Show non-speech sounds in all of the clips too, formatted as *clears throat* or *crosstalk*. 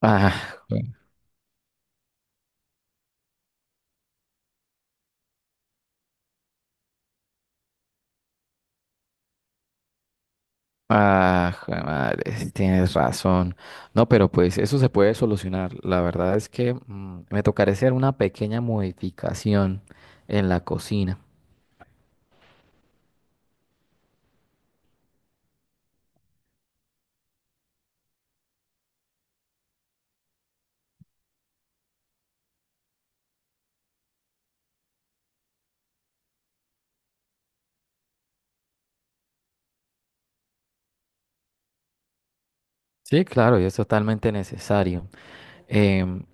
Ah, jue madre, sí tienes razón. No, pero pues eso se puede solucionar. La verdad es que me tocará hacer una pequeña modificación en la cocina. Sí, claro, y es totalmente necesario. Em,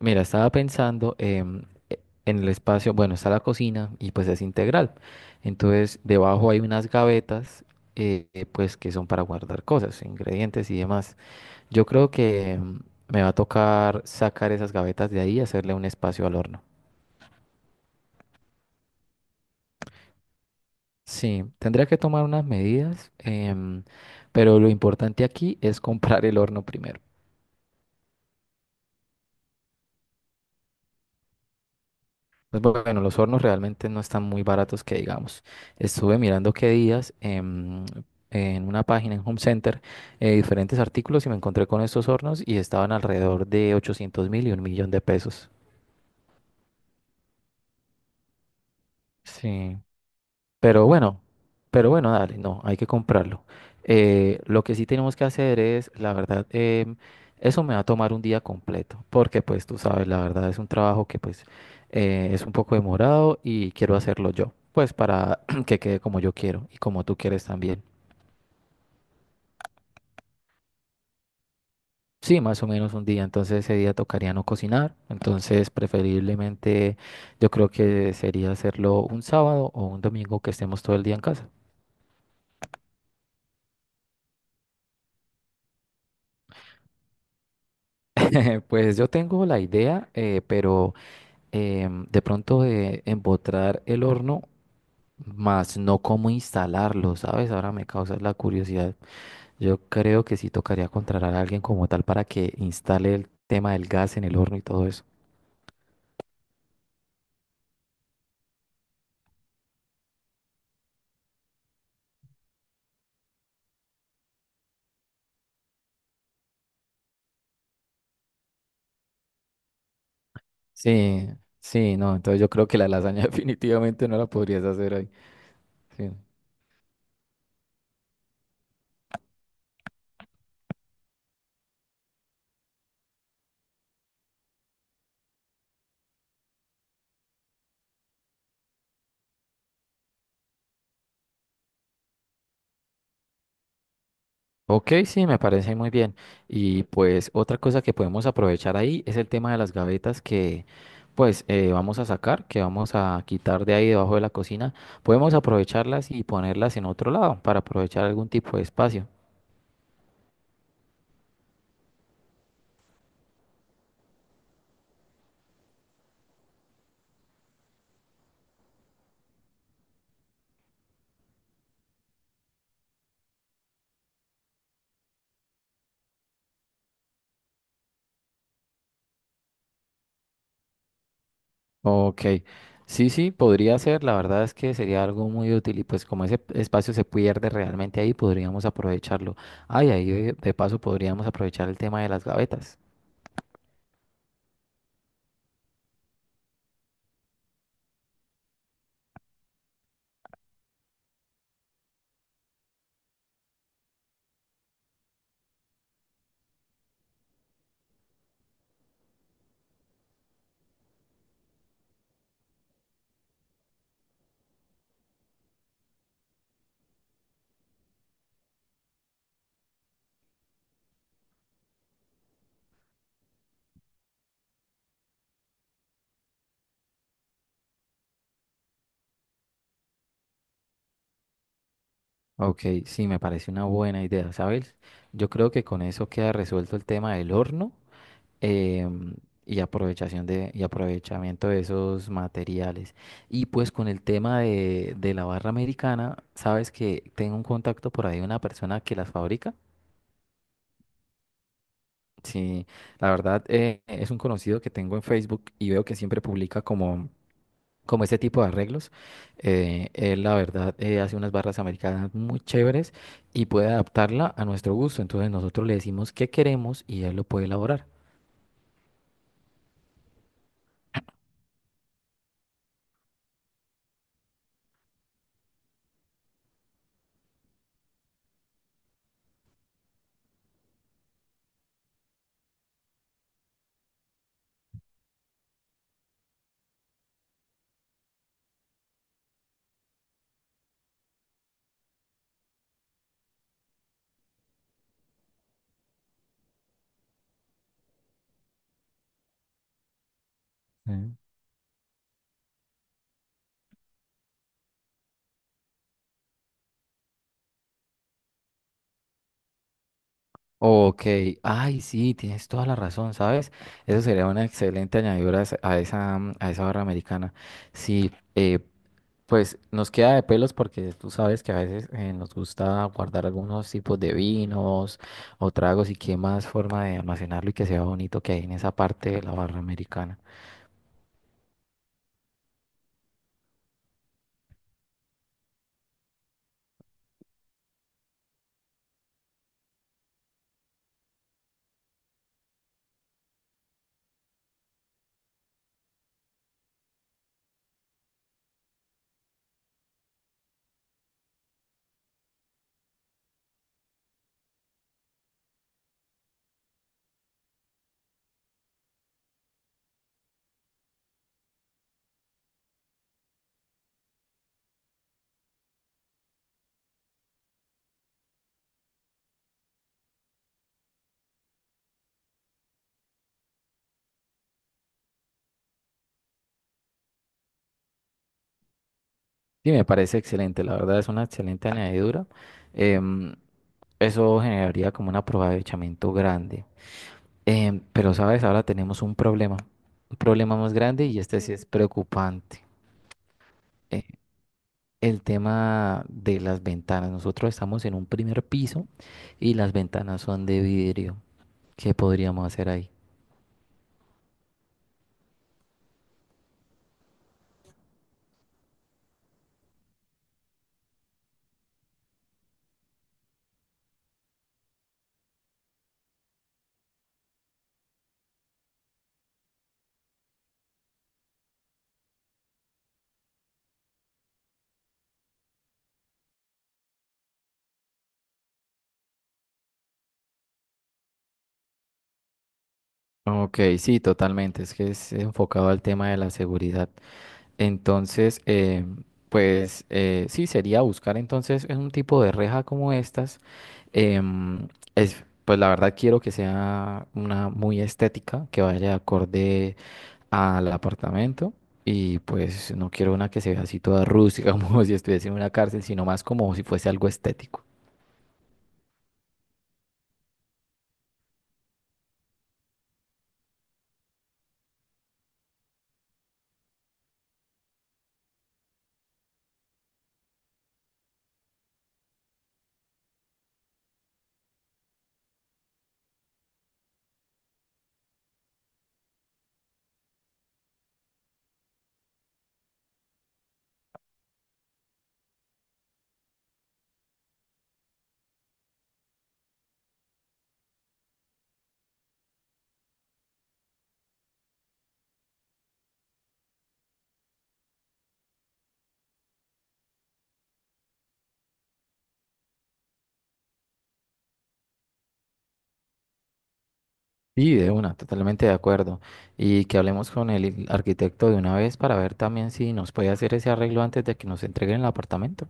mira, estaba pensando en el espacio, bueno, está la cocina y pues es integral. Entonces, debajo hay unas gavetas, pues que son para guardar cosas, ingredientes y demás. Yo creo que me va a tocar sacar esas gavetas de ahí y hacerle un espacio al horno. Sí, tendría que tomar unas medidas, pero lo importante aquí es comprar el horno primero. Pues bueno, los hornos realmente no están muy baratos que digamos. Estuve mirando qué días en una página en Home Center diferentes artículos y me encontré con estos hornos y estaban alrededor de 800 mil y un millón de pesos. Sí. Pero bueno, pero bueno, dale, no, hay que comprarlo. Lo que sí tenemos que hacer es, la verdad, eso me va a tomar un día completo, porque pues tú sabes, la verdad es un trabajo que pues es un poco demorado y quiero hacerlo yo, pues para *clears throat* que quede como yo quiero y como tú quieres también. Sí, más o menos un día, entonces ese día tocaría no cocinar, entonces preferiblemente yo creo que sería hacerlo un sábado o un domingo que estemos todo el día en casa. *laughs* Pues yo tengo la idea, pero de pronto de empotrar el horno, más no cómo instalarlo, ¿sabes? Ahora me causa la curiosidad. Yo creo que sí tocaría contratar a alguien como tal para que instale el tema del gas en el horno y todo eso. Sí, sí, no, entonces yo creo que la lasaña *laughs* definitivamente no la podrías hacer ahí. Sí. Ok, sí, me parece muy bien. Y pues otra cosa que podemos aprovechar ahí es el tema de las gavetas que pues vamos a sacar, que vamos a quitar de ahí debajo de la cocina. Podemos aprovecharlas y ponerlas en otro lado para aprovechar algún tipo de espacio. Ok, sí, sí, podría ser. La verdad es que sería algo muy útil y pues como ese espacio se pierde realmente ahí, podríamos aprovecharlo. Ay, ahí de paso podríamos aprovechar el tema de las gavetas. Ok, sí, me parece una buena idea, ¿sabes? Yo creo que con eso queda resuelto el tema del horno em, y y aprovechamiento de esos materiales. Y pues con el tema de la barra americana, ¿sabes que tengo un contacto por ahí de una persona que las fabrica? Sí, la verdad es un conocido que tengo en Facebook y veo que siempre publica como este tipo de arreglos. Él, la verdad, hace unas barras americanas muy chéveres y puede adaptarla a nuestro gusto. Entonces nosotros le decimos qué queremos y él lo puede elaborar. Sí. Ok, ay, sí, tienes toda la razón, ¿sabes? Eso sería una excelente añadidura a esa, a esa barra americana. Sí, pues nos queda de pelos porque tú sabes que a veces nos gusta guardar algunos tipos de vinos o tragos y qué más forma de almacenarlo y que sea bonito que hay en esa parte de la barra americana. Sí, me parece excelente, la verdad es una excelente añadidura. Em, eso generaría como un aprovechamiento grande. Pero sabes, ahora tenemos un problema más grande y este sí es preocupante. Eh, el tema de las ventanas. Nosotros estamos en un primer piso y las ventanas son de vidrio. ¿Qué podríamos hacer ahí? Ok, sí, totalmente. Es que es enfocado al tema de la seguridad. Entonces, pues sí, sería buscar entonces un tipo de reja como estas. Em, es, pues la verdad quiero que sea una muy estética, que vaya acorde al apartamento y pues no quiero una que se vea así toda rústica *laughs* como si estuviese en una cárcel, sino más como si fuese algo estético. Y de una, totalmente de acuerdo. Y que hablemos con el arquitecto de una vez para ver también si nos puede hacer ese arreglo antes de que nos entreguen el apartamento.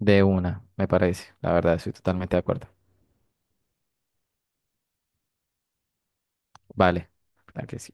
De una, me parece. La verdad, estoy totalmente de acuerdo. Vale, la que sí.